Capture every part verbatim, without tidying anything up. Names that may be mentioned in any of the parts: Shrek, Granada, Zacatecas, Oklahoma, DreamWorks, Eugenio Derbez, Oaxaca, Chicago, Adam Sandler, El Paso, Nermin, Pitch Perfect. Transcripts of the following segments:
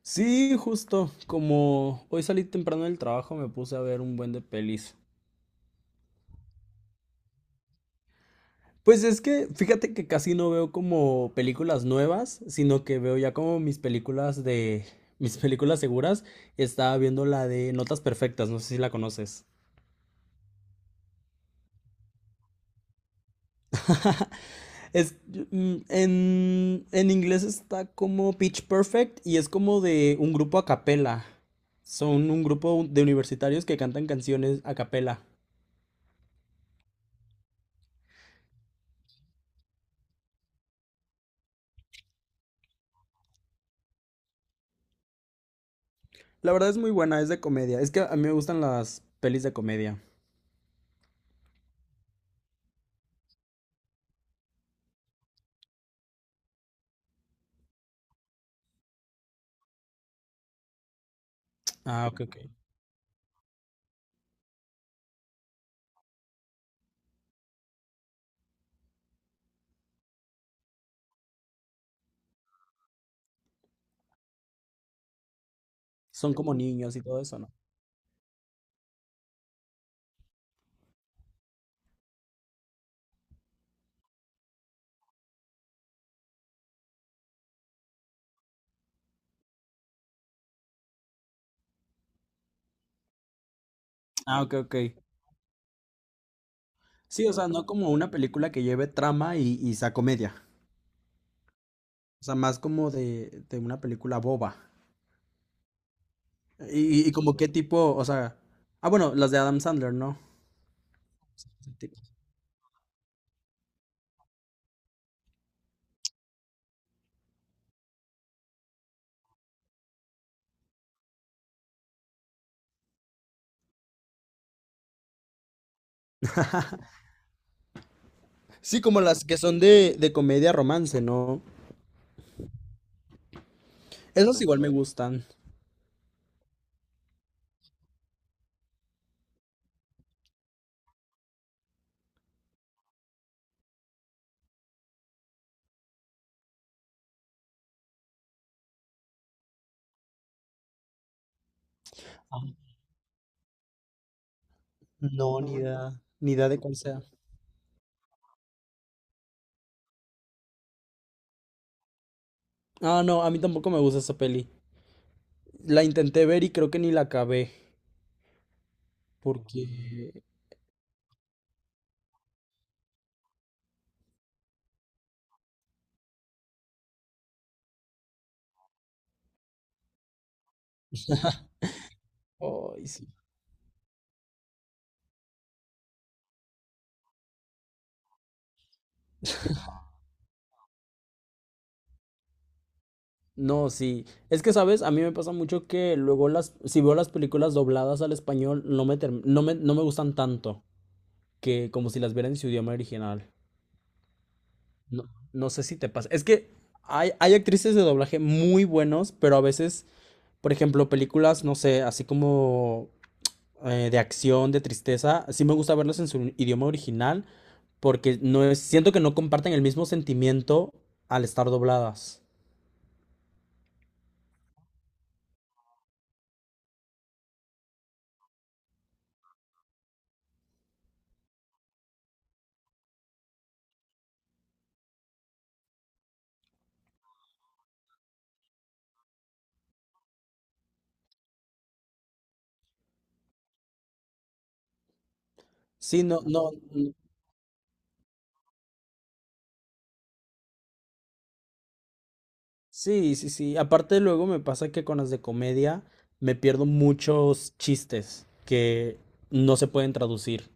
Sí, justo, como hoy salí temprano del trabajo, me puse a ver un buen de pelis. Pues es que, fíjate que casi no veo como películas nuevas, sino que veo ya como mis películas de, mis películas seguras. Estaba viendo la de Notas Perfectas, no sé si la conoces. Es, mm, en, en inglés está como Pitch Perfect y es como de un grupo a capela. Son un grupo de universitarios que cantan canciones a capela. La verdad es muy buena, es de comedia. Es que a mí me gustan las pelis de comedia. Ah, ok, ok. Son como niños y todo eso, ¿no? Ah, ok, ok. Sí, o sea, no como una película que lleve trama y, y sea comedia. O sea, más como de, de una película boba. Y, y como qué tipo, o sea... Ah, bueno, las de Adam Sandler, ¿no? Ese tipo. Sí, como las que son de, de comedia romance, ¿no? Esas igual me gustan. Ah, no, ni idea, ni idea de cuál sea. Ah, no, a mí tampoco me gusta esa peli. La intenté ver y creo que ni la acabé. Porque, ay, sí. No, sí. Es que, ¿sabes? A mí me pasa mucho que luego las, si veo las películas dobladas al español, no me, term- no me, no me gustan tanto que como si las viera en su idioma original. No, no sé si te pasa. Es que hay, hay actrices de doblaje muy buenos, pero a veces, por ejemplo, películas, no sé, así como eh, de acción, de tristeza, sí me gusta verlas en su idioma original porque no es- siento que no comparten el mismo sentimiento al estar dobladas. Sí, no, no, n- sí, sí, sí. Aparte luego me pasa que con las de comedia me pierdo muchos chistes que no se pueden traducir.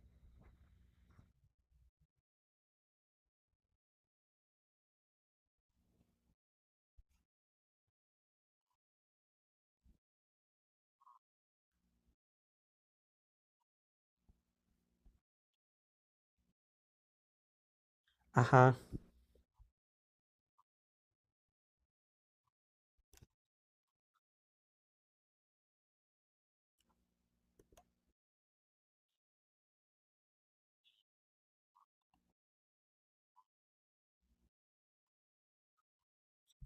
Ajá.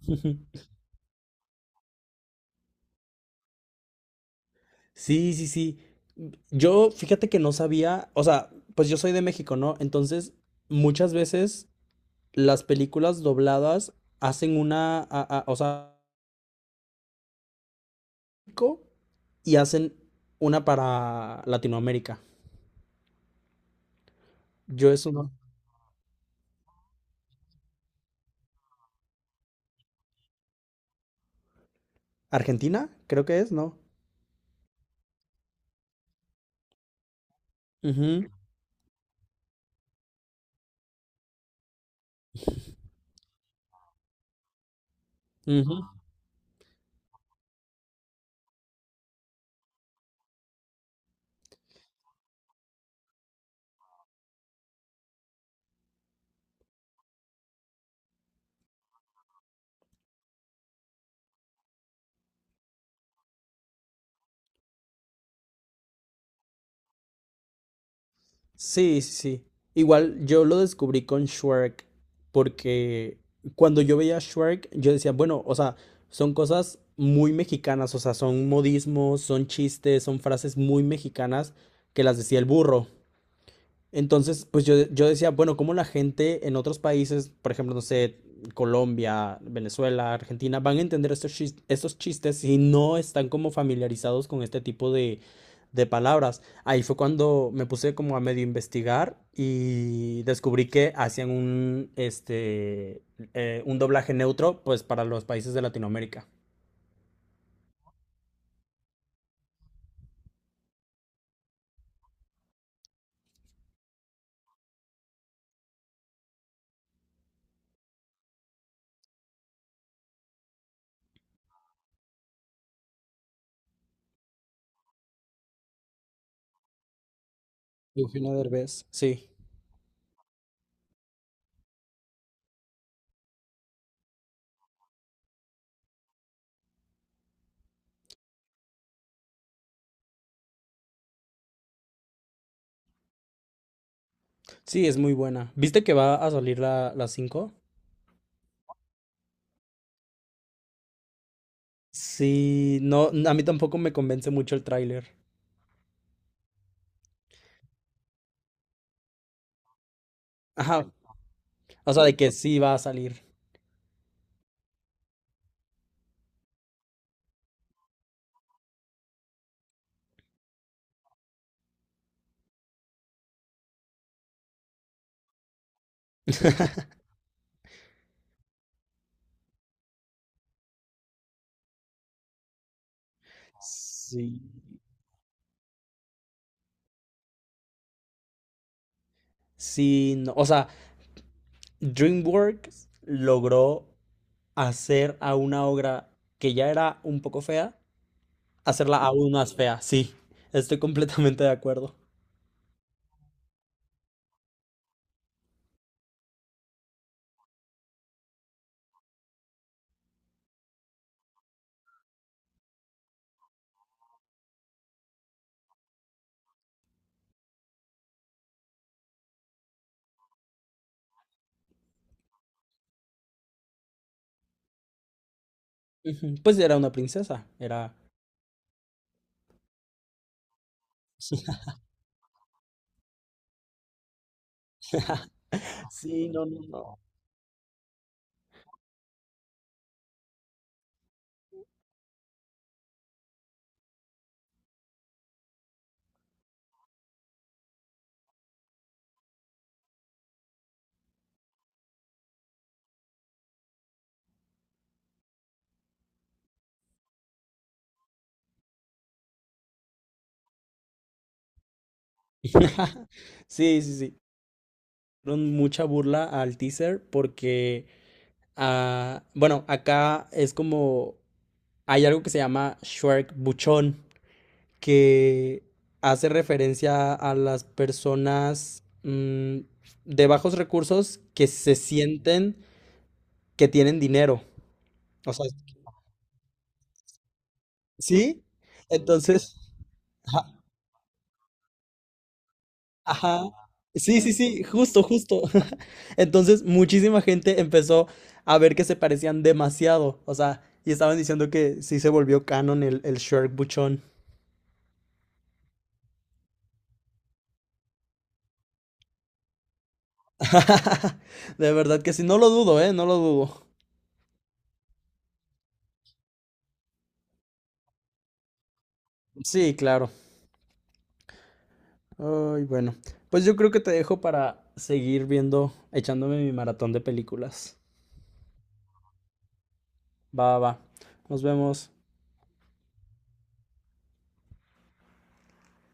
Sí, sí, sí. Yo, fíjate que no sabía, o sea, pues yo soy de México, ¿no? Entonces, muchas veces las películas dobladas hacen una, a- a- o sea, México, y hacen una para Latinoamérica. Yo eso no. Argentina, creo que es, ¿no? Ujú, ujú. Sí, sí, sí. Igual yo lo descubrí con Shrek, porque cuando yo veía Shrek, yo decía, bueno, o sea, son cosas muy mexicanas, o sea, son modismos, son chistes, son frases muy mexicanas que las decía el burro. Entonces, pues yo, yo decía, bueno, cómo la gente en otros países, por ejemplo, no sé, Colombia, Venezuela, Argentina, van a entender estos chis- estos chistes si no están como familiarizados con este tipo de, de palabras. Ahí fue cuando me puse como a medio investigar y descubrí que hacían un, este, eh, un doblaje neutro, pues para los países de Latinoamérica. Eugenio Derbez. Sí, sí, es muy buena. ¿Viste que va a salir la, la cinco? Sí, no, a mí tampoco me convence mucho el tráiler. Ajá, o sea, de que sí va a salir. Sí, sí, no, o sea, DreamWorks logró hacer a una obra que ya era un poco fea, hacerla aún más fea, sí, estoy completamente de acuerdo. Ujú, pues era una princesa, era... Sí, no, no, no. Sí, sí, sí. Dieron mucha burla al teaser porque, ah, bueno, acá es como hay algo que se llama Shrek Buchón, que hace referencia a las personas mm, de bajos recursos que se sienten que tienen dinero. O sea, ¿sí? Entonces, ajá, ajá. Sí, sí, sí, justo, justo. Entonces, muchísima gente empezó a ver que se parecían demasiado. O sea, y estaban diciendo que sí se volvió canon el, el Shrek Buchón. De verdad que sí, no lo dudo, ¿eh? No lo dudo. Sí, claro. Ay, bueno. Pues yo creo que te dejo para seguir viendo, echándome mi maratón de películas. Va, va, va. Nos vemos.